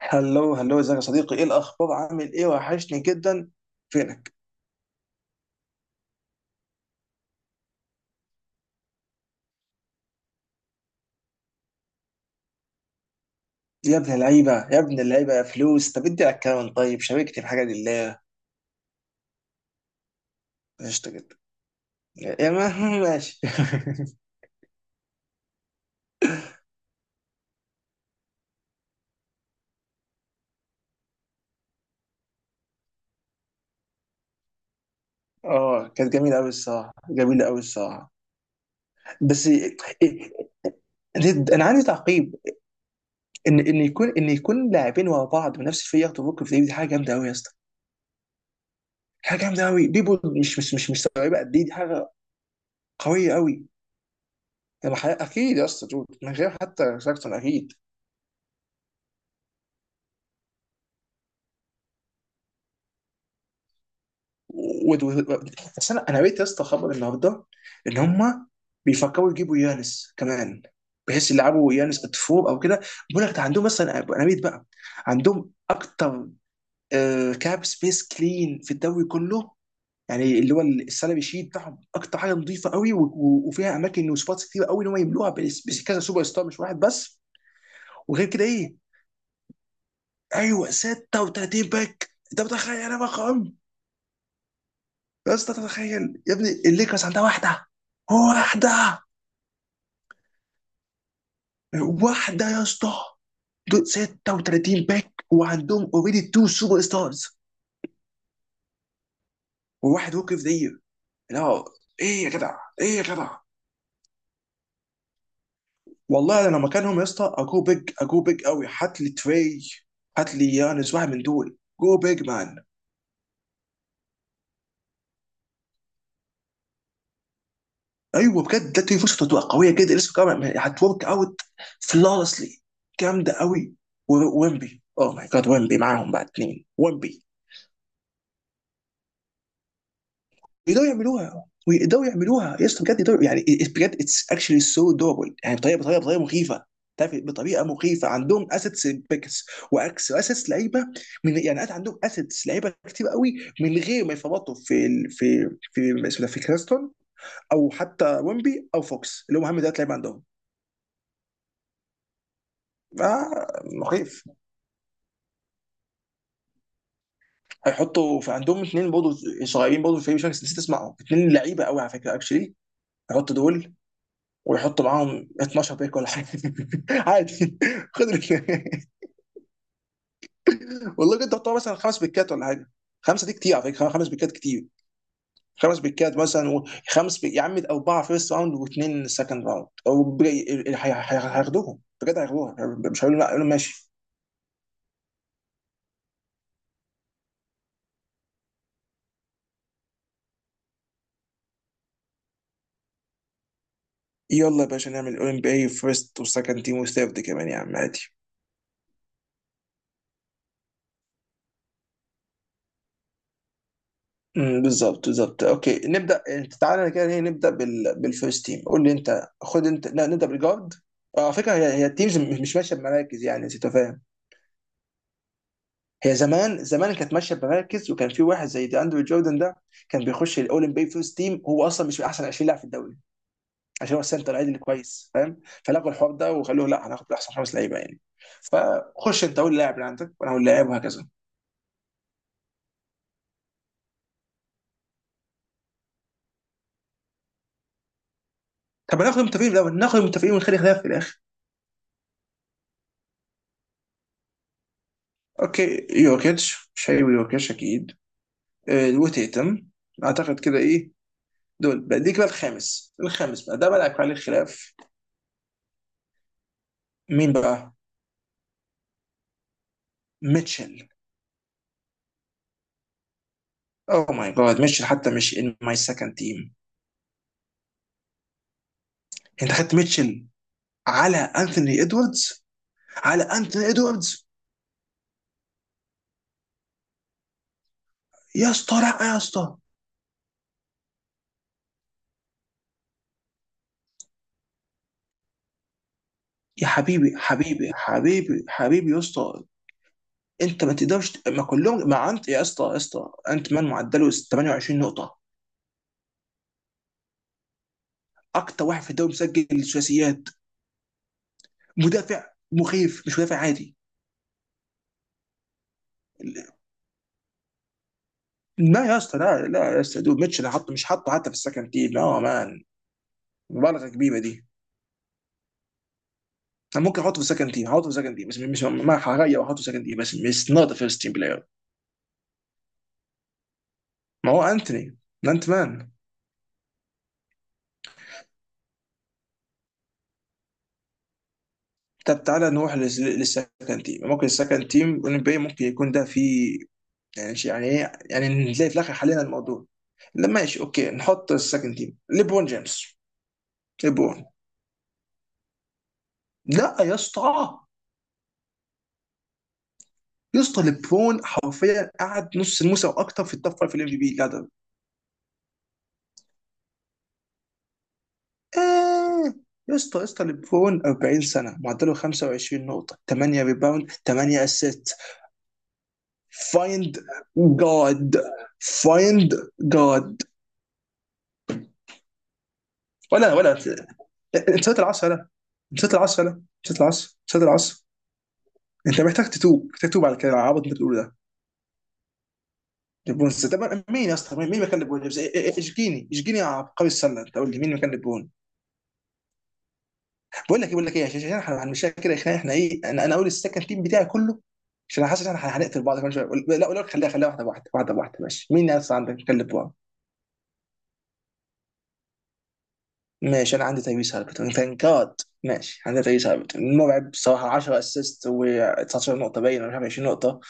هلو هلو، ازيك يا صديقي؟ ايه الاخبار؟ عامل ايه؟ وحشني جدا. فينك؟ يا ابن اللعيبه يا ابن اللعيبه، يا فلوس. طب ادي الاكونت، طيب شاركني في حاجه لله. قشطه جدا. يا ما ماشي. اه كانت جميله قوي الصراحه، جميله قوي الصراحه. بس إيه- إيه- إيه، انا عندي تعقيب. ان يكون لاعبين ورا بعض بنفس الفريق ياخدوا بوك، في دي حاجه جامده قوي يا اسطى. حاجه جامده قوي دي، بول مش مستوعبه قد ايه دي حاجه. قويه قوي. اكيد يا اسطى دود من غير حتى ساكتون اكيد. و- و- و- بس انا قريت يا اسطى خبر النهارده ان هم بيفكروا يجيبوا يانس كمان، بحيث يلعبوا يانس اتفور او كده. بيقول لك ده عندهم مثلا، انا قريت بقى، عندهم اكتر آه، كاب سبيس كلين في الدوري كله. يعني اللي هو السالري شيت بتاعهم اكتر حاجه نظيفه قوي، و- و- وفيها اماكن وسبوتس كتير قوي ان هم يملوها بس كذا سوبر ستار مش واحد بس. وغير كده ايه؟ ايوه 36 باك، انت متخيل؟ انا رقم يا اسطى، تتخيل يا ابني؟ الليكرز عندها واحده. واحده. واحده يا اسطى. دول 36 باك، وعندهم اوريدي تو سوبر ستارز، وواحد ووك اوف ذا يير. لا، ايه يا جدع؟ ايه يا جدع؟ والله انا لو مكانهم يا اسطى، اجو بيج اجو بيج قوي. هات لي تري، هات لي يانس، واحد من دول. جو بيج مان. ايوه بجد، ده تري فرصه تبقى قويه جدا. لسه كمان هتورك اوت فلawlessly. جامده قوي. ويمبي، اوه ماي جاد، ويمبي معاهم بقى، اتنين ويمبي. ويقدروا يعملوها يا اسطى بجد يقدروا. يعني بجد اتس اكشلي سو دوبل. يعني بطريقه مخيفه. تعرف إيه؟ بطريقه مخيفه. عندهم اسيتس بيكس واكس اسيتس لعيبه. من يعني قاعد عندهم اسيتس لعيبه كتير قوي من غير ما يفرطوا في اسمه ده، في كريستون او حتى ويمبي او فوكس، اللي هم اهم ثلاث لعيبه عندهم. آه، مخيف. هيحطوا في عندهم اثنين برضه صغيرين برضه في الفريق، مش عارف، نسيت اسمعهم، اثنين لعيبه قوي على فكره اكشلي. هيحطوا دول، ويحطوا معاهم 12 بيك ولا حاجه. عادي. خد ال- والله كنت بتوع مثلا خمس بيكات ولا حاجه. خمسه دي كتير على فكره، خمس بيكات كتير. خمس بيكات مثلا، يا عم اربعه فيرست راوند واثنين سكند راوند او بي- ال- ال- هي- هي- هياخدوهم بجد، هياخدوها. مش هيقولوا لا، هيقولوا ماشي. يلا يا باشا نعمل اولمبي فيرست وسكند تيم وثيرد كمان يا عم، عادي. امم، بالظبط. اوكي، نبدا. انت تعالى كده، هي نبدا بالفيرست تيم. قول لي انت، خد انت، لا نبدا بالجارد. اه على فكره، هي التيمز مش ماشيه بمراكز، يعني انت فاهم. هي زمان كانت ماشيه بمراكز، وكان في واحد زي دي، اندرو جوردن ده، كان بيخش الاولمبي بي فيرست تيم، هو اصلا مش من احسن 20 لاعب في الدوري، عشان هو السنتر العادي اللي كويس فاهم. فلغوا الحوار ده وخلوه، لا هناخد احسن خمس لعيبه يعني. فخش انت قول اللاعب اللي عندك وانا اقول اللاعب، وهكذا. طب هناخد المتفقين الاول، ناخد المتفقين ونخلي خلاف في الاخر. اوكي، يوكيتش مش هيبقى، يوكيتش اكيد. آه، وتيتم، اعتقد كده. ايه؟ دول بقى دي كده، الخامس، الخامس بقى ده بقى اللي هيكون عليه الخلاف. مين بقى؟ ميتشل؟ اوه ماي جاد، ميتشل حتى مش ان ماي سكند تيم. انت خدت ميتشل على انثوني ادواردز؟ على انثوني ادواردز؟ يا اسطى لا يا اسطى، يا حبيبي حبيبي حبيبي حبيبي يا اسطى. انت ما تقدرش ت- ما كلهم ما انت يا اسطى يا اسطى، انت مان معدله 28 نقطه، اكتر واحد في الدوري مسجل ثلاثيات، مدافع مخيف، مش مدافع عادي. لا يا اسطى، لا لا يا اسطى، دول ميتشل حطه، مش حطه حتى في السكند تيم، لا مان. مبالغه كبيره دي. انا ممكن احطه في السكند تيم، احطه في السكند تيم، بس مش ما هغير واحطه في السكند تيم، بس مش نوت فيرست تيم بلاير. ما هو انتوني، انت مان. طب تعالى نروح للسكند تيم، ممكن السكند تيم NBA ممكن يكون ده فيه. يعني شيء، يعني ايه يعني، نلاقي في الاخر حلينا الموضوع. لا ماشي اوكي، نحط السكند تيم ليبرون جيمس. ليبرون؟ لا يا اسطى، يا اسطى، ليبرون حرفيا قعد نص الموسم واكتر في التوب فايف في الام في بي. آه، يا اسطى يا اسطى، ليبرون 40 سنة معدله 25 نقطة 8 ريباوند 8 اسيست. فايند جاد، فايند جاد. ولا ولا، نسيت العصر ده، نسيت العصر ده، نسيت العصر، نسيت العصر. انت محتاج تتوب، محتاج تتوب على كده، على العبط اللي انت بتقوله ده. ليبرون؟ طب مين يا اسطى مين مكان ليبرون جيمس؟ إيه- إيه- إيه، اشجيني اشجيني يا عبقري السلة، انت قول لي مين مكان ليبرون. بقول لك ايه، بقول لك ايه، عشان احنا هنمشيها كده يا اخي، احنا ايه، انا اقول السكند تيم بتاعي كله، عشان انا حاسس ان احنا هنقتل بعض كمان شويه. لا لا لا، خليها خليها، واحده واحده واحده واحده، ماشي. مين الناس عندك؟ نتكلم بقى. ماشي، انا عندي تايويس هالبرتون، ثانك جاد. ماشي، عندي تايويس هالبرتون، مرعب الصراحه، 10 اسيست و19 نقطه، باين، ولا مش عارف 20 نقطه.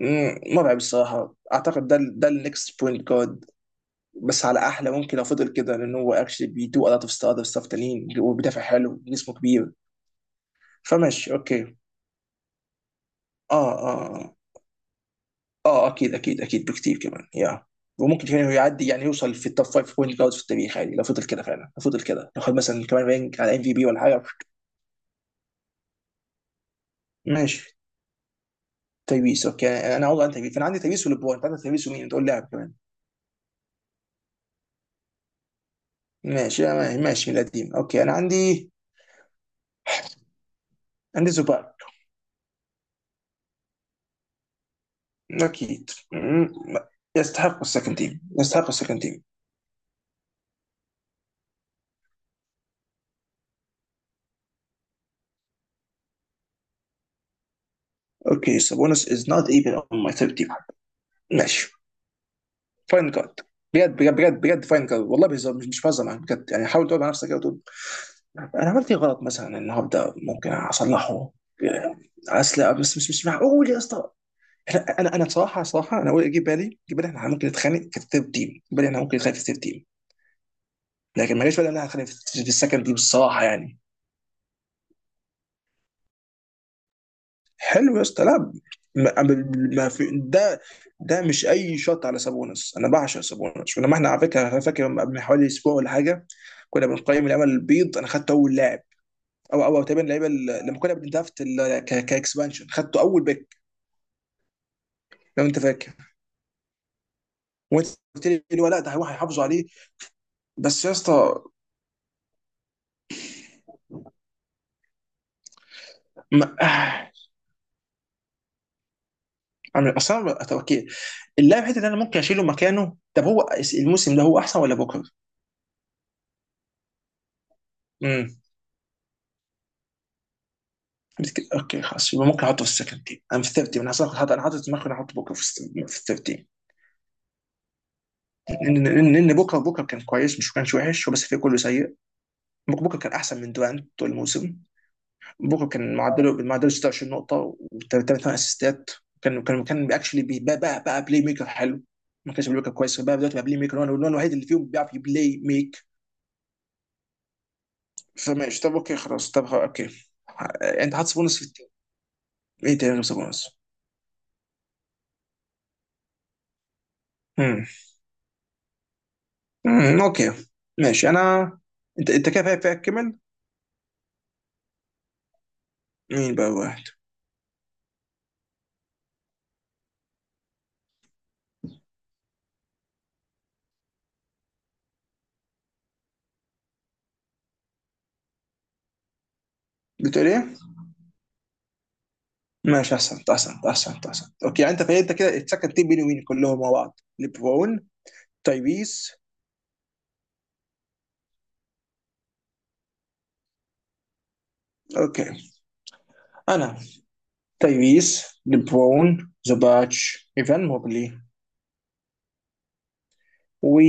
مم، مرعب الصراحه، اعتقد ده ده النكست بوينت جارد. بس على احلى ممكن لو فضل كده، لان هو اكشلي بيدو a lot of stuff تانيين، وبيدافع حلو، جسمه كبير. فماشي اوكي. اه اه آه. اه اكيد اكيد اكيد، بكتير كمان يا. وممكن كمان هو يعدي، يعني يوصل في التوب 5 بوينت جاردز في التاريخ، عادي لو فضل كده، فعلا لو فضل كده، لو خد مثلا كمان رانك على ام في بي ولا حاجه. ماشي، تايبيس اوكي. انا عاوز عن تايبيس، انا عندي تايبيس ولبرون، انت عندك تايبيس، ومين تقول لاعب كمان؟ ماشي أنا، ماشي من القديم. اوكي انا عندي، عندي زوباك. اكيد. مم. يستحق السكند تيم، يستحق السكند تيم. اوكي، سابونس از نوت ايفن اون ماي ثيرد تيم. ماشي. فاين جارد. بجد بجد بجد بجد، فاين جارد والله. بهزر، مش بهزر معاك بجد. يعني حاول تقعد مع نفسك كده وتقول انا عملت ايه غلط مثلا النهارده ممكن اصلحه. اصل بس مش معقول يا اسطى. انا صراحه صراحه، انا اقول اجيب بالي اجيب بالي احنا ممكن نتخانق في الثيرد تيم، اجيب بالي احنا ممكن نتخانق في الثيرد تيم، لكن ما جاش بالي ان احنا هنتخانق في السكند تيم الصراحه يعني. حلو يا اسطى، لا. ما ما في ده، ده مش اي شط على سابونس، انا بعشق سابونس. ولما احنا على فكره، انا فاكر من حوالي اسبوع ولا حاجه كنا بنقيم اللعيبه البيض، انا خدت اول لاعب، او تقريبا اللعيبه لما كنا بندرافت كاكسبانشن، خدته اول باك، لو انت فاكر. وانت قلت لي اللي هو لا، ده هيروح هيحافظوا عليه. بس يا اسطى، ما... آه. أنا- اصلا ما- طب اوكي، اللاعب حته اللي انا ممكن اشيله مكانه، طب هو الموسم ده هو احسن ولا بوكر؟ امم. اوكي خلاص، يبقى ممكن احطه في السكند تيم، انا في الثيرد تيم انا أصلاً حاطط، انا حاطط في دماغي إن أنا احط بوكر في الثيرد تيم. لان لأن بوكر كان كويس، مش كانش وحش هو، بس الفريق كله سيء. بوكر كان احسن من دورانت طول الموسم. بوكا كان معدله، معدله 26 نقطة و3 اسيستات. كان اكشلي بقى بلاي ميكر حلو، ما كانش بلاي ميكر كويس، بقى دلوقتي بقى بلاي ميكر، هو الوحيد اللي فيهم بيعرف يبلاي ميك. فماشي طب اوكي خلاص، طب خلاص، اوكي. آه، انت حاطط سبونس في التيم. ايه تاني غير سبونس؟ امم، أمم، اوكي. ماشي انا. انت انت كده، فريقك، فريقك كمل. مين بقى واحد؟ بتقول ايه؟ ماشي احسنت احسنت احسنت احسنت، اوكي. يعني انت كده اتسكت تيم بيني وبيني كلهم مع بعض. ليبرون، تايبيس، اوكي. انا، تايريس، لبرون، ذا باتش، ايفان موبلي، و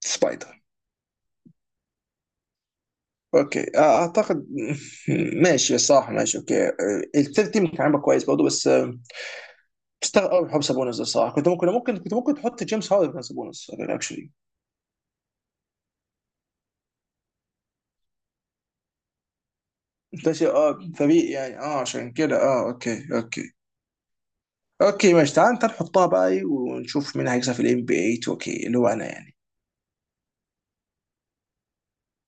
سبايدر. اوكي، اعتقد. ماشي الصراحه، ماشي اوكي. آه، الثيرد تيم كان عامل كويس برضه، بس تستغرب قوي حب سابونز الصراحه، كنت ممكن، ممكن كنت ممكن تحط جيمس هاردن مكان سابونز اكشلي. انت شيء اه فريق، يعني اه، عشان كده اه، اوكي اوكي. اوكي ماشي، تعال تعال نحطها بقى، ونشوف مين هيكسب في الام بي اي 2 كي، اللي هو انا يعني.